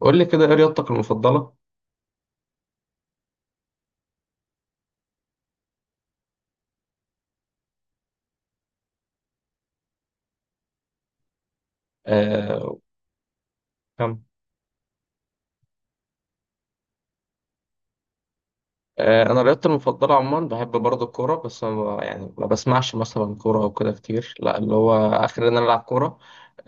قول لي كده ايه رياضتك المفضلة؟ آه كم؟ آه، انا رياضتي المفضلة عموما بحب برضه الكورة، بس أنا يعني ما بسمعش مثلا كورة او كده كتير، لا اللي هو اخر ان انا العب كورة.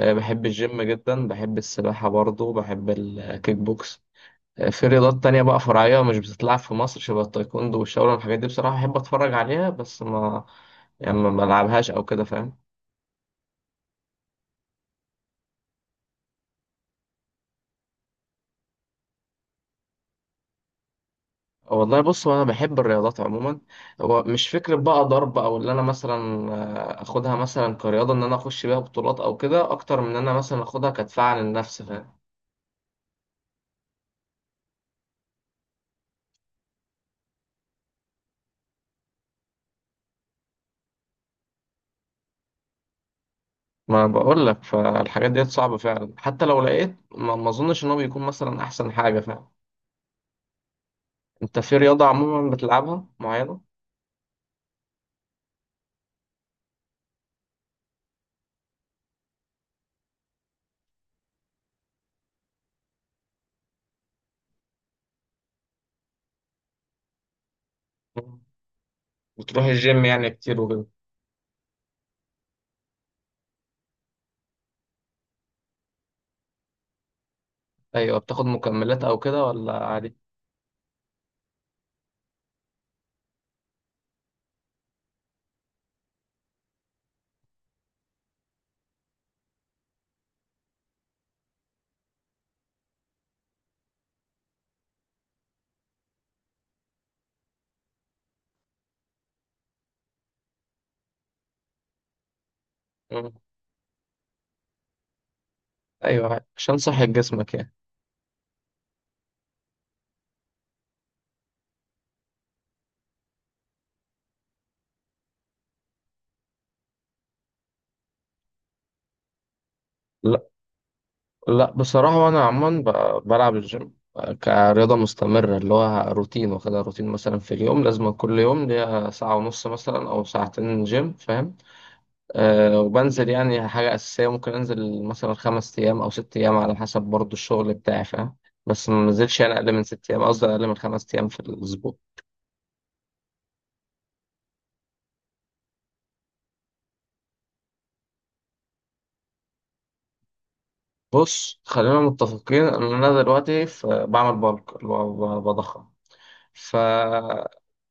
آه بحب الجيم جدا، بحب السباحة برضه، بحب الكيك بوكس. آه في رياضات تانية بقى فرعية مش بتتلعب في مصر شبه التايكوندو والشاولين والحاجات دي، بصراحة بحب اتفرج عليها بس ما يعني ما بلعبهاش او كده، فاهم. والله بص، هو انا بحب الرياضات عموما، هو مش فكره بقى ضرب، او اللي انا مثلا اخدها مثلا كرياضه ان انا اخش بيها بطولات او كده اكتر من ان انا مثلا اخدها كدفاع عن النفس، فاهم. ما بقول لك، فالحاجات ديت صعبه فعلا، حتى لو لقيت ما اظنش ان هو بيكون مثلا احسن حاجه، فاهم. انت في رياضه عموما بتلعبها معينه؟ مم. بتروح الجيم يعني كتير وكده؟ ايوه. بتاخد مكملات او كده ولا عادي؟ مم. ايوه عادي، عشان صحه جسمك يعني. لا لا بصراحة أنا عموما بلعب الجيم كرياضة مستمرة، اللي هو روتين، واخدها روتين مثلا في اليوم، لازم كل يوم ليا ساعة ونص مثلا أو ساعتين جيم، فاهم. أه وبنزل يعني حاجة أساسية، ممكن أنزل مثلا خمس أيام أو ست أيام على حسب برضو الشغل بتاعي، فاهم. بس ما بنزلش يعني أقل من ست أيام، قصدي أقل من خمس أيام في الأسبوع. بص خلينا متفقين إن أنا دلوقتي في، بعمل بالك اللي هو بضخم. ف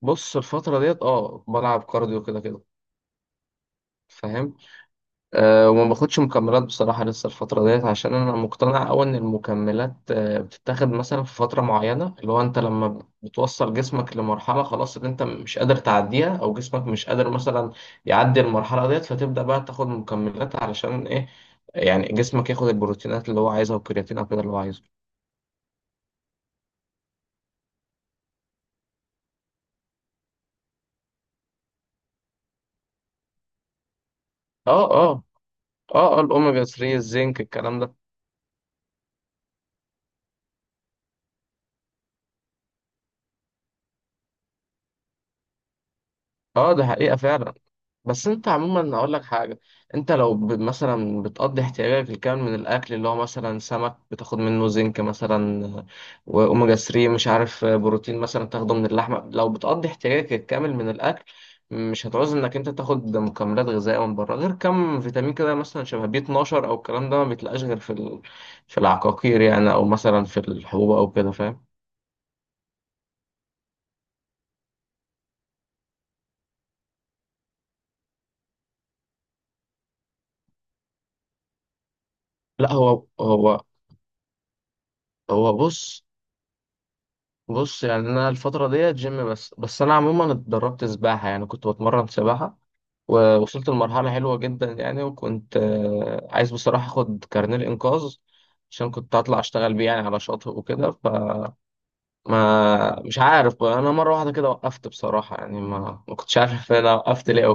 بص الفترة ديت اه بلعب كارديو كده كده، فاهم. أه وما باخدش مكملات بصراحة لسه الفترة ديت، عشان أنا مقتنع أوي إن المكملات أه بتتاخد مثلا في فترة معينة، اللي هو أنت لما بتوصل جسمك لمرحلة خلاص إن أنت مش قادر تعديها، أو جسمك مش قادر مثلا يعدي المرحلة ديت، فتبدأ بقى تاخد مكملات علشان إيه؟ يعني جسمك ياخد البروتينات اللي هو عايزها والكرياتين أو كده اللي هو عايزه. أه أه. الأوميجا 3، الزنك، الكلام ده. أه ده حقيقة فعلا. بس انت عموما اقول لك حاجه، انت لو مثلا بتقضي احتياجك الكامل من الاكل اللي هو مثلا سمك، بتاخد منه زنك مثلا واوميجا 3، مش عارف بروتين مثلا تاخده من اللحمه، لو بتقضي احتياجك الكامل من الاكل مش هتعوز انك انت تاخد مكملات غذائيه من بره، غير كم فيتامين كده مثلا شبه بي 12 او الكلام ده، ما بيتلقاش غير في ال... في العقاقير يعني، او مثلا في الحبوب او كده، فاهم. لا هو هو هو بص بص يعني انا الفتره ديت جيم بس، انا عموما اتدربت سباحه، يعني كنت بتمرن سباحه ووصلت لمرحله حلوه جدا يعني، وكنت عايز بصراحه اخد كارنيه الانقاذ، عشان كنت هطلع اشتغل بيه يعني على شاطئ وكده، فما مش عارف بقى، انا مره واحده كده وقفت بصراحه يعني ما كنتش عارف انا وقفت ليه.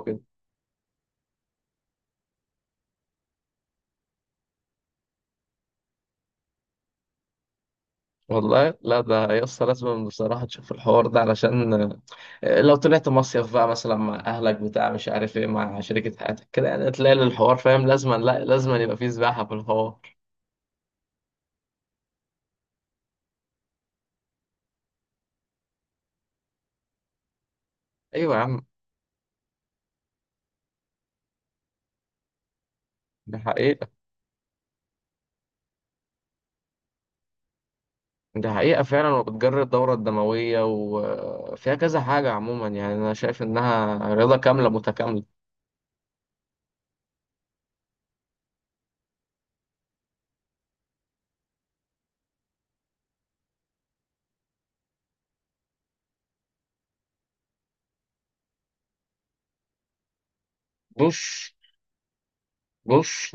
والله لا، ده يا اسطى لازم بصراحة تشوف الحوار ده، علشان لو طلعت مصيف بقى مثلا مع أهلك بتاع، مش عارف إيه، مع شركة حياتك كده يعني تلاقي الحوار، فاهم، لازم لا لازم يبقى فيه سباحة في الحوار. أيوة يا عم. دي حقيقة. دي حقيقة فعلا، وبتجري الدورة الدموية وفيها كذا حاجة عموما، يعني أنا شايف إنها رياضة كاملة متكاملة. مش مش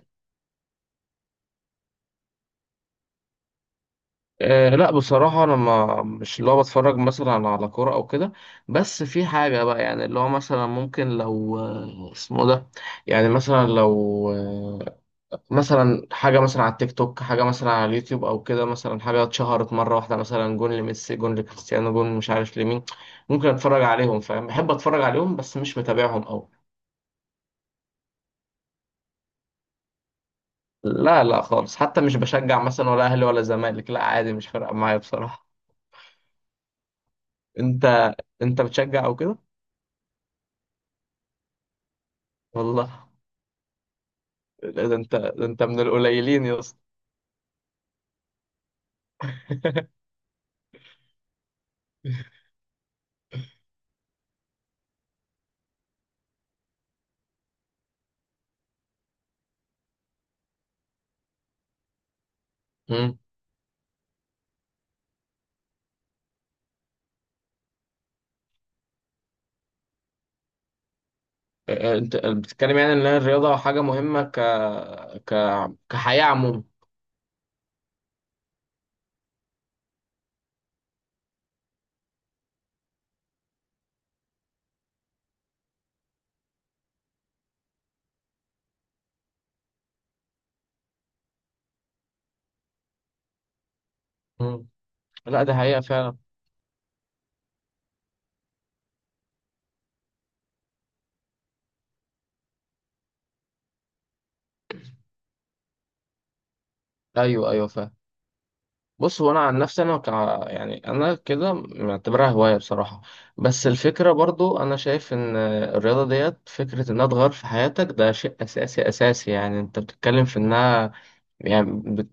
أه لا بصراحة أنا ما مش اللي هو بتفرج مثلا على كورة أو كده، بس في حاجة بقى يعني اللي هو مثلا ممكن، لو اسمه ده، يعني مثلا لو مثلا حاجة مثلا على التيك توك، حاجة مثلا على اليوتيوب أو كده، مثلا حاجة اتشهرت مرة واحدة مثلا جون لميسي، جون لكريستيانو، جون مش عارف لمين، ممكن أتفرج عليهم فاهم، بحب أتفرج عليهم بس مش متابعهم أوي. لا لا خالص، حتى مش بشجع مثلا ولا أهلي ولا زمالك، لا عادي مش فارقة معايا بصراحة. أنت، أنت بتشجع أو كده؟ والله. لا ده انت، ده انت من القليلين يا اسطى. مم. انت بتتكلم يعني ان الرياضه حاجه مهمه ك ك كحياه عموما. مم. لا ده حقيقه فعلا. ايوه ايوه فعلا. بص هو انا عن نفسي انا يعني انا كده معتبرها هوايه بصراحه، بس الفكره برضو انا شايف ان الرياضه ديت فكره انها تغير في حياتك، ده شيء اساسي اساسي، يعني انت بتتكلم في انها يعني بت...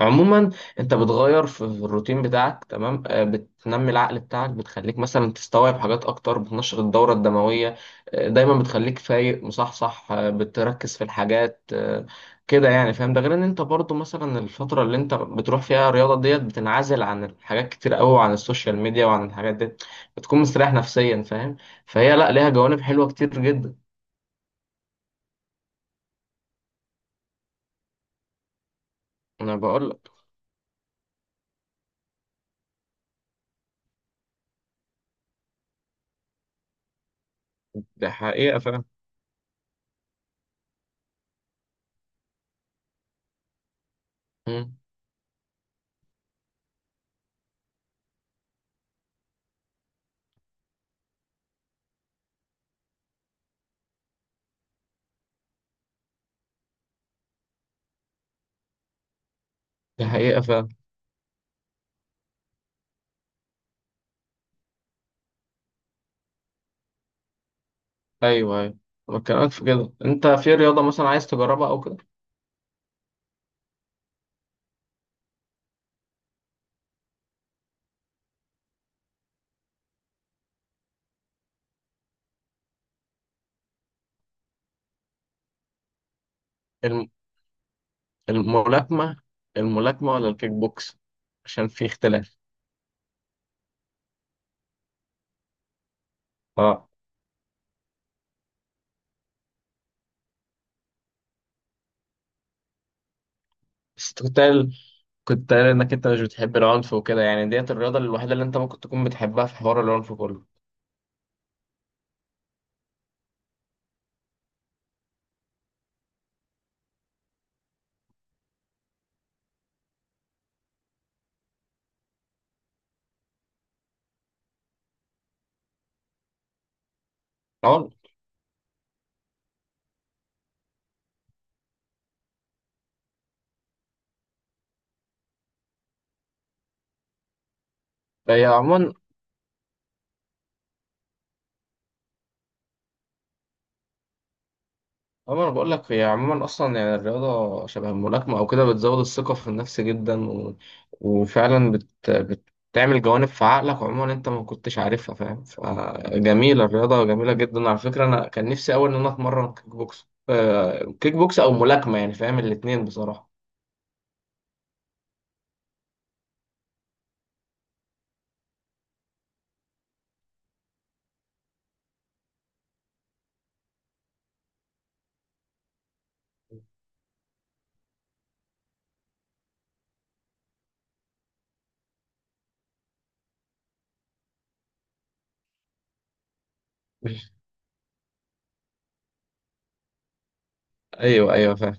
عموما انت بتغير في الروتين بتاعك، تمام، بتنمي العقل بتاعك، بتخليك مثلا تستوعب حاجات اكتر، بتنشط الدورة الدموية، دايما بتخليك فايق مصحصح، بتركز في الحاجات، كده يعني فاهم. ده غير ان انت برضو مثلا الفترة اللي انت بتروح فيها الرياضة ديت بتنعزل عن حاجات كتير قوي، وعن السوشيال ميديا وعن الحاجات دي، بتكون مستريح نفسيا، فاهم. فهي لا ليها جوانب حلوة كتير جدا. انا بقول لك. ده حقيقة فاهم. مم. ده حقيقة فاهم. ايوه ايوه. بكلمك في كده، انت في رياضة مثلا عايز تجربها او كده؟ الم- الملاكمة؟ الملاكمة ولا الكيك بوكس؟ عشان في اختلاف. اه. بس كنت قايل انك انت مش بتحب العنف وكده، يعني ديت الرياضه الوحيده اللي انت ممكن تكون بتحبها في حوار العنف كله، العنف. هي عموما عموما انا بقول لك هي عموما اصلا يعني الرياضه شبه الملاكمه او كده بتزود الثقه في النفس جدا، و... وفعلا بت... بتعمل جوانب في عقلك عموما انت ما كنتش عارفها، فاهم، فجميله الرياضه، جميله جدا. على فكره انا كان نفسي اول ان انا اتمرن كيك بوكس، كيك بوكس او ملاكمه يعني، فاهم، الاتنين بصراحه. ايوه ايوه فاهم.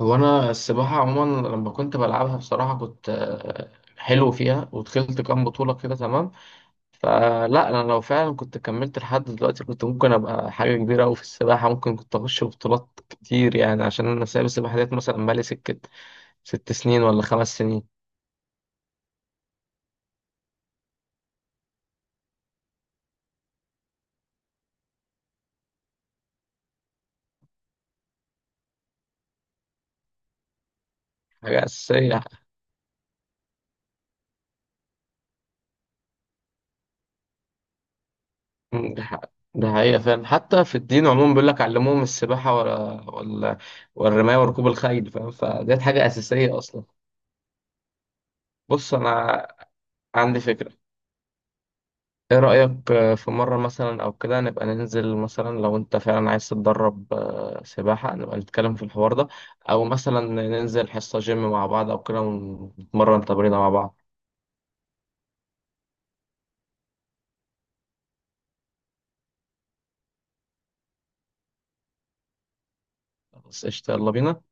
هو انا السباحه عموما لما كنت بلعبها بصراحه كنت حلو فيها، ودخلت كام بطوله كده تمام. فلا انا لو فعلا كنت كملت لحد دلوقتي كنت ممكن ابقى حاجه كبيره قوي في السباحه، ممكن كنت اخش بطولات كتير يعني، عشان انا سايب السباحه ديت مثلا بقالي سكه ست سنين ولا خمس سنين. حاجه اساسيه. ده حقيقه فعلا، حتى في الدين عموما بيقول لك علموهم السباحه ولا ولا والرمايه وركوب الخيل، فاهم، فديت حاجه اساسيه اصلا. بص انا عندي فكره، ايه رأيك في مرة مثلا او كده نبقى ننزل، مثلا لو انت فعلا عايز تتدرب سباحة نبقى نتكلم في الحوار ده، او مثلا ننزل حصة جيم مع بعض او كده ونتمرن تمرينة مع بعض. بس قشطة، يلا بينا.